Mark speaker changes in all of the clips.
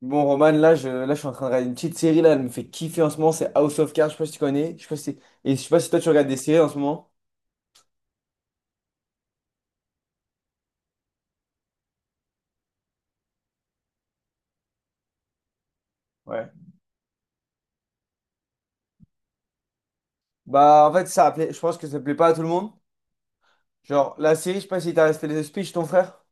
Speaker 1: Bon, Roman, là je suis en train de regarder une petite série, là, elle me fait kiffer en ce moment, c'est House of Cards, je sais pas si tu connais, je sais pas si... et je sais pas si toi tu regardes des séries en ce moment. Ouais. Bah, en fait, ça plaît, je pense que ça plaît pas à tout le monde. Genre, la série, je sais pas si t'as resté les speeches, ton frère.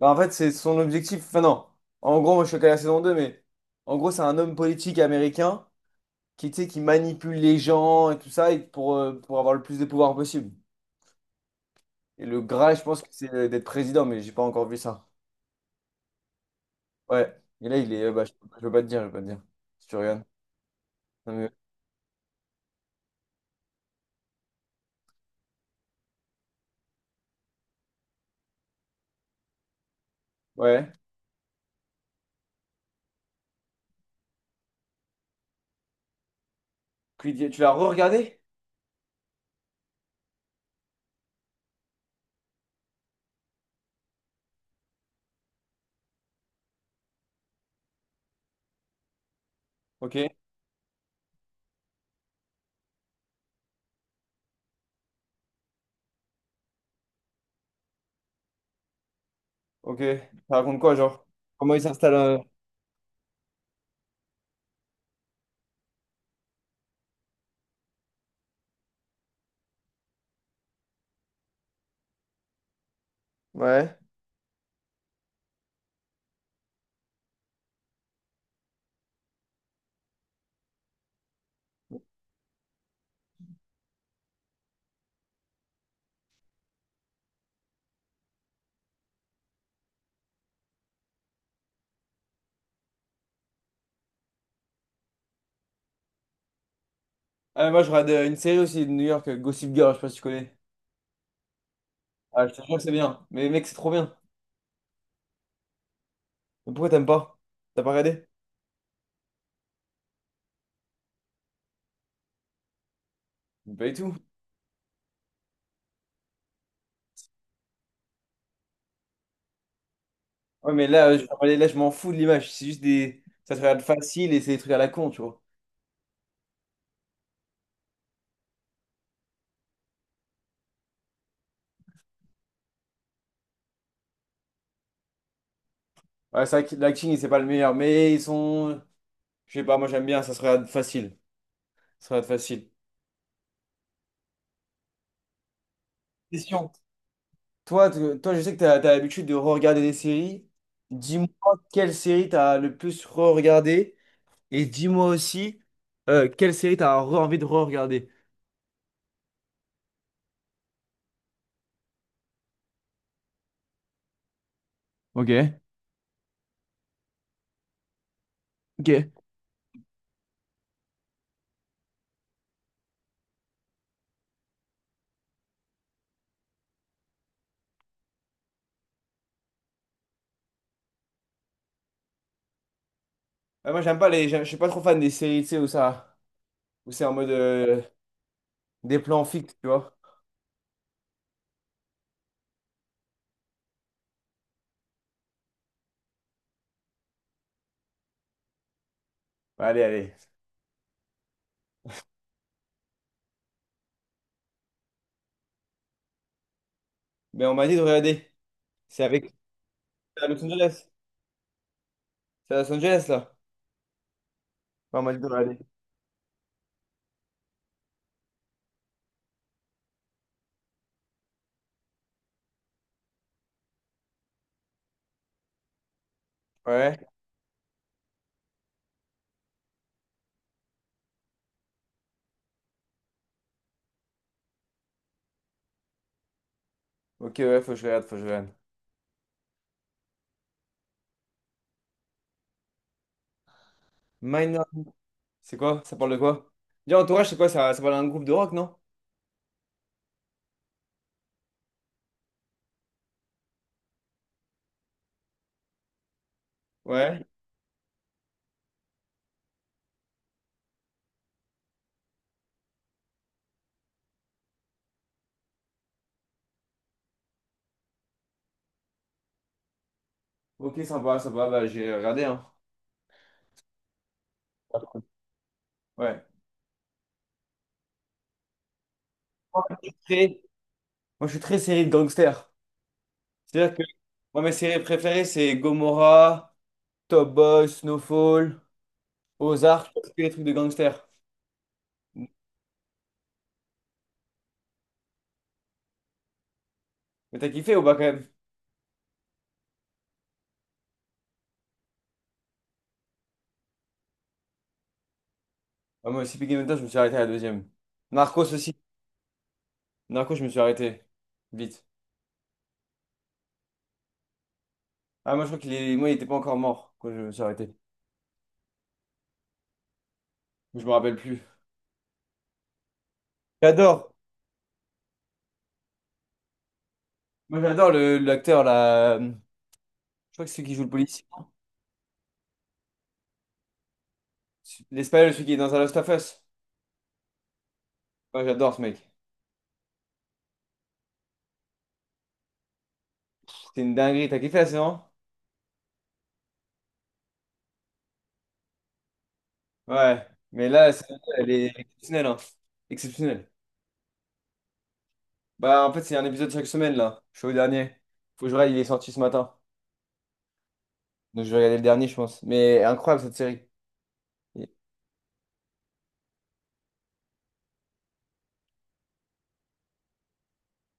Speaker 1: Bah, en fait, c'est son objectif, enfin non, en gros, moi je suis qu'à la saison 2 mais en gros, c'est un homme politique américain qui, tu sais, qui manipule les gens et tout ça et pour avoir le plus de pouvoir possible. Et le Graal, je pense que c'est d'être président, mais j'ai pas encore vu ça. Ouais, et là, il est, bah, je peux pas te dire, si tu regardes. Non, Ouais. Creed, tu l'as re-regardé? Ok. Ok. Ça raconte quoi, genre? Comment il s'installe Ouais. Ah, mais moi, je regarde une série aussi de New York, Gossip Girl, je sais pas si tu connais. Ah, je te jure que c'est bien. Mais mec, c'est trop bien. Mais pourquoi t'aimes pas? T'as pas regardé? Pas du tout. Ouais, mais là, je m'en fous de l'image. C'est juste des. Ça se regarde facile et c'est des trucs à la con, tu vois. Ouais, c'est vrai que l'acting, c'est pas le meilleur, mais ils sont. Je sais pas, moi, j'aime bien, ça se regarde facile. Ça se regarde facile. Question. Toi, toi, je sais que tu as, l'habitude de re-regarder des séries. Dis-moi quelle série t'as le plus re-regardé et dis-moi aussi quelle série t'as as envie de re-regarder. Ok, ok. Ouais, moi, j'aime pas les, je suis pas trop fan des séries, tu sais, où ça, où c'est en mode des plans fixes, tu vois. Bah, allez, allez. Mais on m'a dit de regarder. C'est avec c'est à Los Angeles. C'est à Los Angeles, là. Ouais, on m'a dit de regarder. Ouais. Ok, ouais, faut que je regarde, faut que je regarde. Minor. C'est quoi? Ça parle de quoi? Déjà, Entourage, c'est quoi? Ça parle d'un groupe de rock, non? Ouais. Ok, sympa, sympa. Bah, j'ai regardé, hein. Ouais. Moi, je suis très, Moi, je suis très série de gangsters. C'est-à-dire que moi, mes séries préférées, c'est Gomorrah, Top Boy, Snowfall, Ozark, tous les trucs de gangsters. Mais t'as kiffé ou pas quand même? Ah, moi aussi, Peaky Blinders, je me suis arrêté à la deuxième. Narcos aussi. Narcos, je me suis arrêté. Vite. Ah, moi, je crois qu'il est. Moi, il était pas encore mort quand je me suis arrêté. Je me rappelle plus. J'adore. Moi, j'adore l'acteur, là. Je crois que c'est celui qui joue le policier. L'Espagnol, celui qui est dans The Last of Us. Moi, j'adore ce mec. C'est une dinguerie. T'as kiffé la saison? Ouais. Mais là, la saison, elle est exceptionnelle, hein. Exceptionnelle. Bah, en fait, c'est un épisode chaque semaine, là. Je suis au dernier. Faut que je regarde, il est sorti ce matin. Donc, je vais regarder le dernier, je pense. Mais incroyable, cette série. Ouais.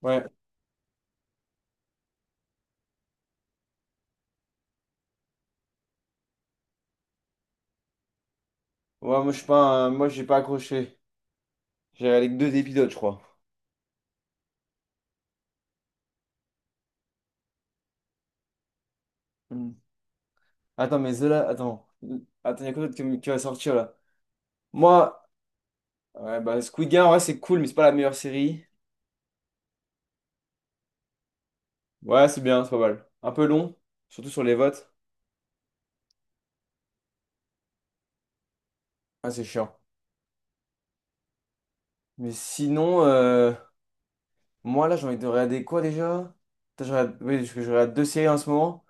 Speaker 1: Ouais, moi, je suis pas moi, j'ai pas accroché. J'ai regardé que deux épisodes, je crois. Hmm. Attends, mais Zola, attends. Attends, il y a quoi d'autre qui va sortir, là? Moi, ouais, bah, Squid Game, ouais, c'est cool, mais c'est pas la meilleure série. Ouais, c'est bien, c'est pas mal. Un peu long, surtout sur les votes. Ah, c'est chiant. Mais sinon, moi, là, j'ai envie de regarder quoi déjà? Putain, je regarde. Oui, parce que je regarde deux séries en ce moment.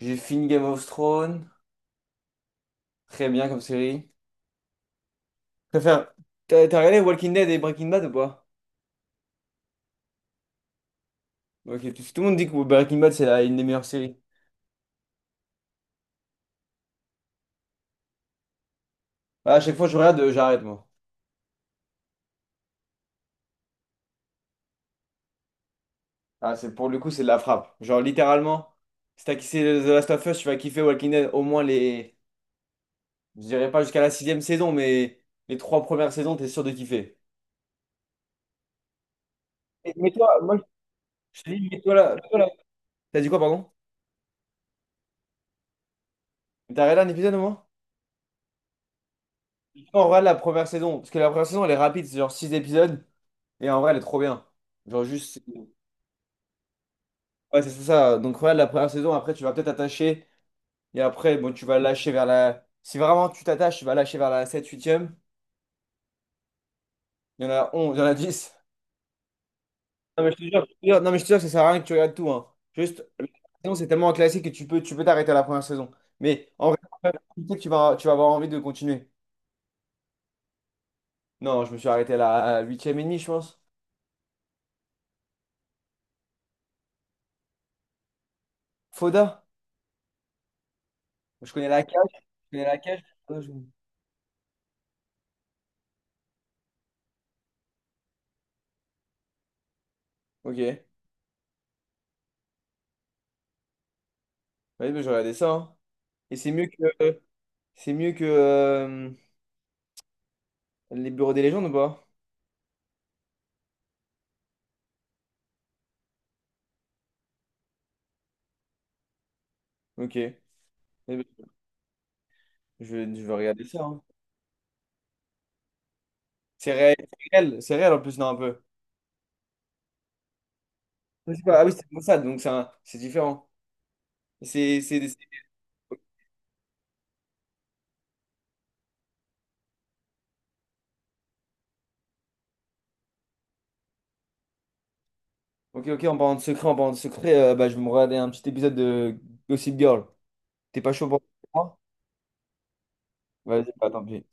Speaker 1: J'ai fini Game of Thrones. Très bien comme série. Je préfère. T'as regardé Walking Dead et Breaking Bad ou pas? Ok, tout le monde dit que Breaking Bad, c'est une des meilleures séries. Ah, à chaque fois que je regarde, j'arrête, moi. Ah, c'est, pour le coup, c'est de la frappe. Genre, littéralement, si t'as kiffé The Last of Us, tu vas kiffer Walking Dead au moins les. Je dirais pas jusqu'à la sixième saison, mais les trois premières saisons, t'es sûr de kiffer. Mais toi, moi, je te dis, mets-toi là. Mets-toi là. T'as dit quoi, pardon? T'as regardé un épisode au moins? En vrai, la première saison, parce que la première saison, elle est rapide, c'est genre 6 épisodes, et en vrai, elle est trop bien. Genre juste. Ouais, c'est ça. Donc regarde la première saison, après, tu vas peut-être t'attacher, et après, bon, tu vas lâcher vers la. Si vraiment tu t'attaches, tu vas lâcher vers la 7e huitième. Il y en a 11 il y en a dix. Non, mais je te jure, non, mais je te jure que ça sert à rien que tu regardes tout, hein. Juste, la première saison, c'est tellement un classique que tu peux t'arrêter à la première saison. Mais en vrai, tu sais que tu vas avoir envie de continuer. Non, je me suis arrêté à la 8e et demie, je pense. Foda, je connais la cage, je connais la cage. Ok. Ouais, bah, je regardais ça, hein. Et c'est mieux que les bureaux des légendes ou pas? Ok. Eh ben, je vais regarder ça, hein. C'est réel, c'est réel, c'est réel en plus, non, un peu. Je sais pas, ah oui, c'est comme ça, donc c'est différent. C'est. Ok, ok, en parlant de secret, bah, je vais me regarder un petit épisode de Gossip Girl. T'es pas chaud pour moi? Vas-y, bah tant pis.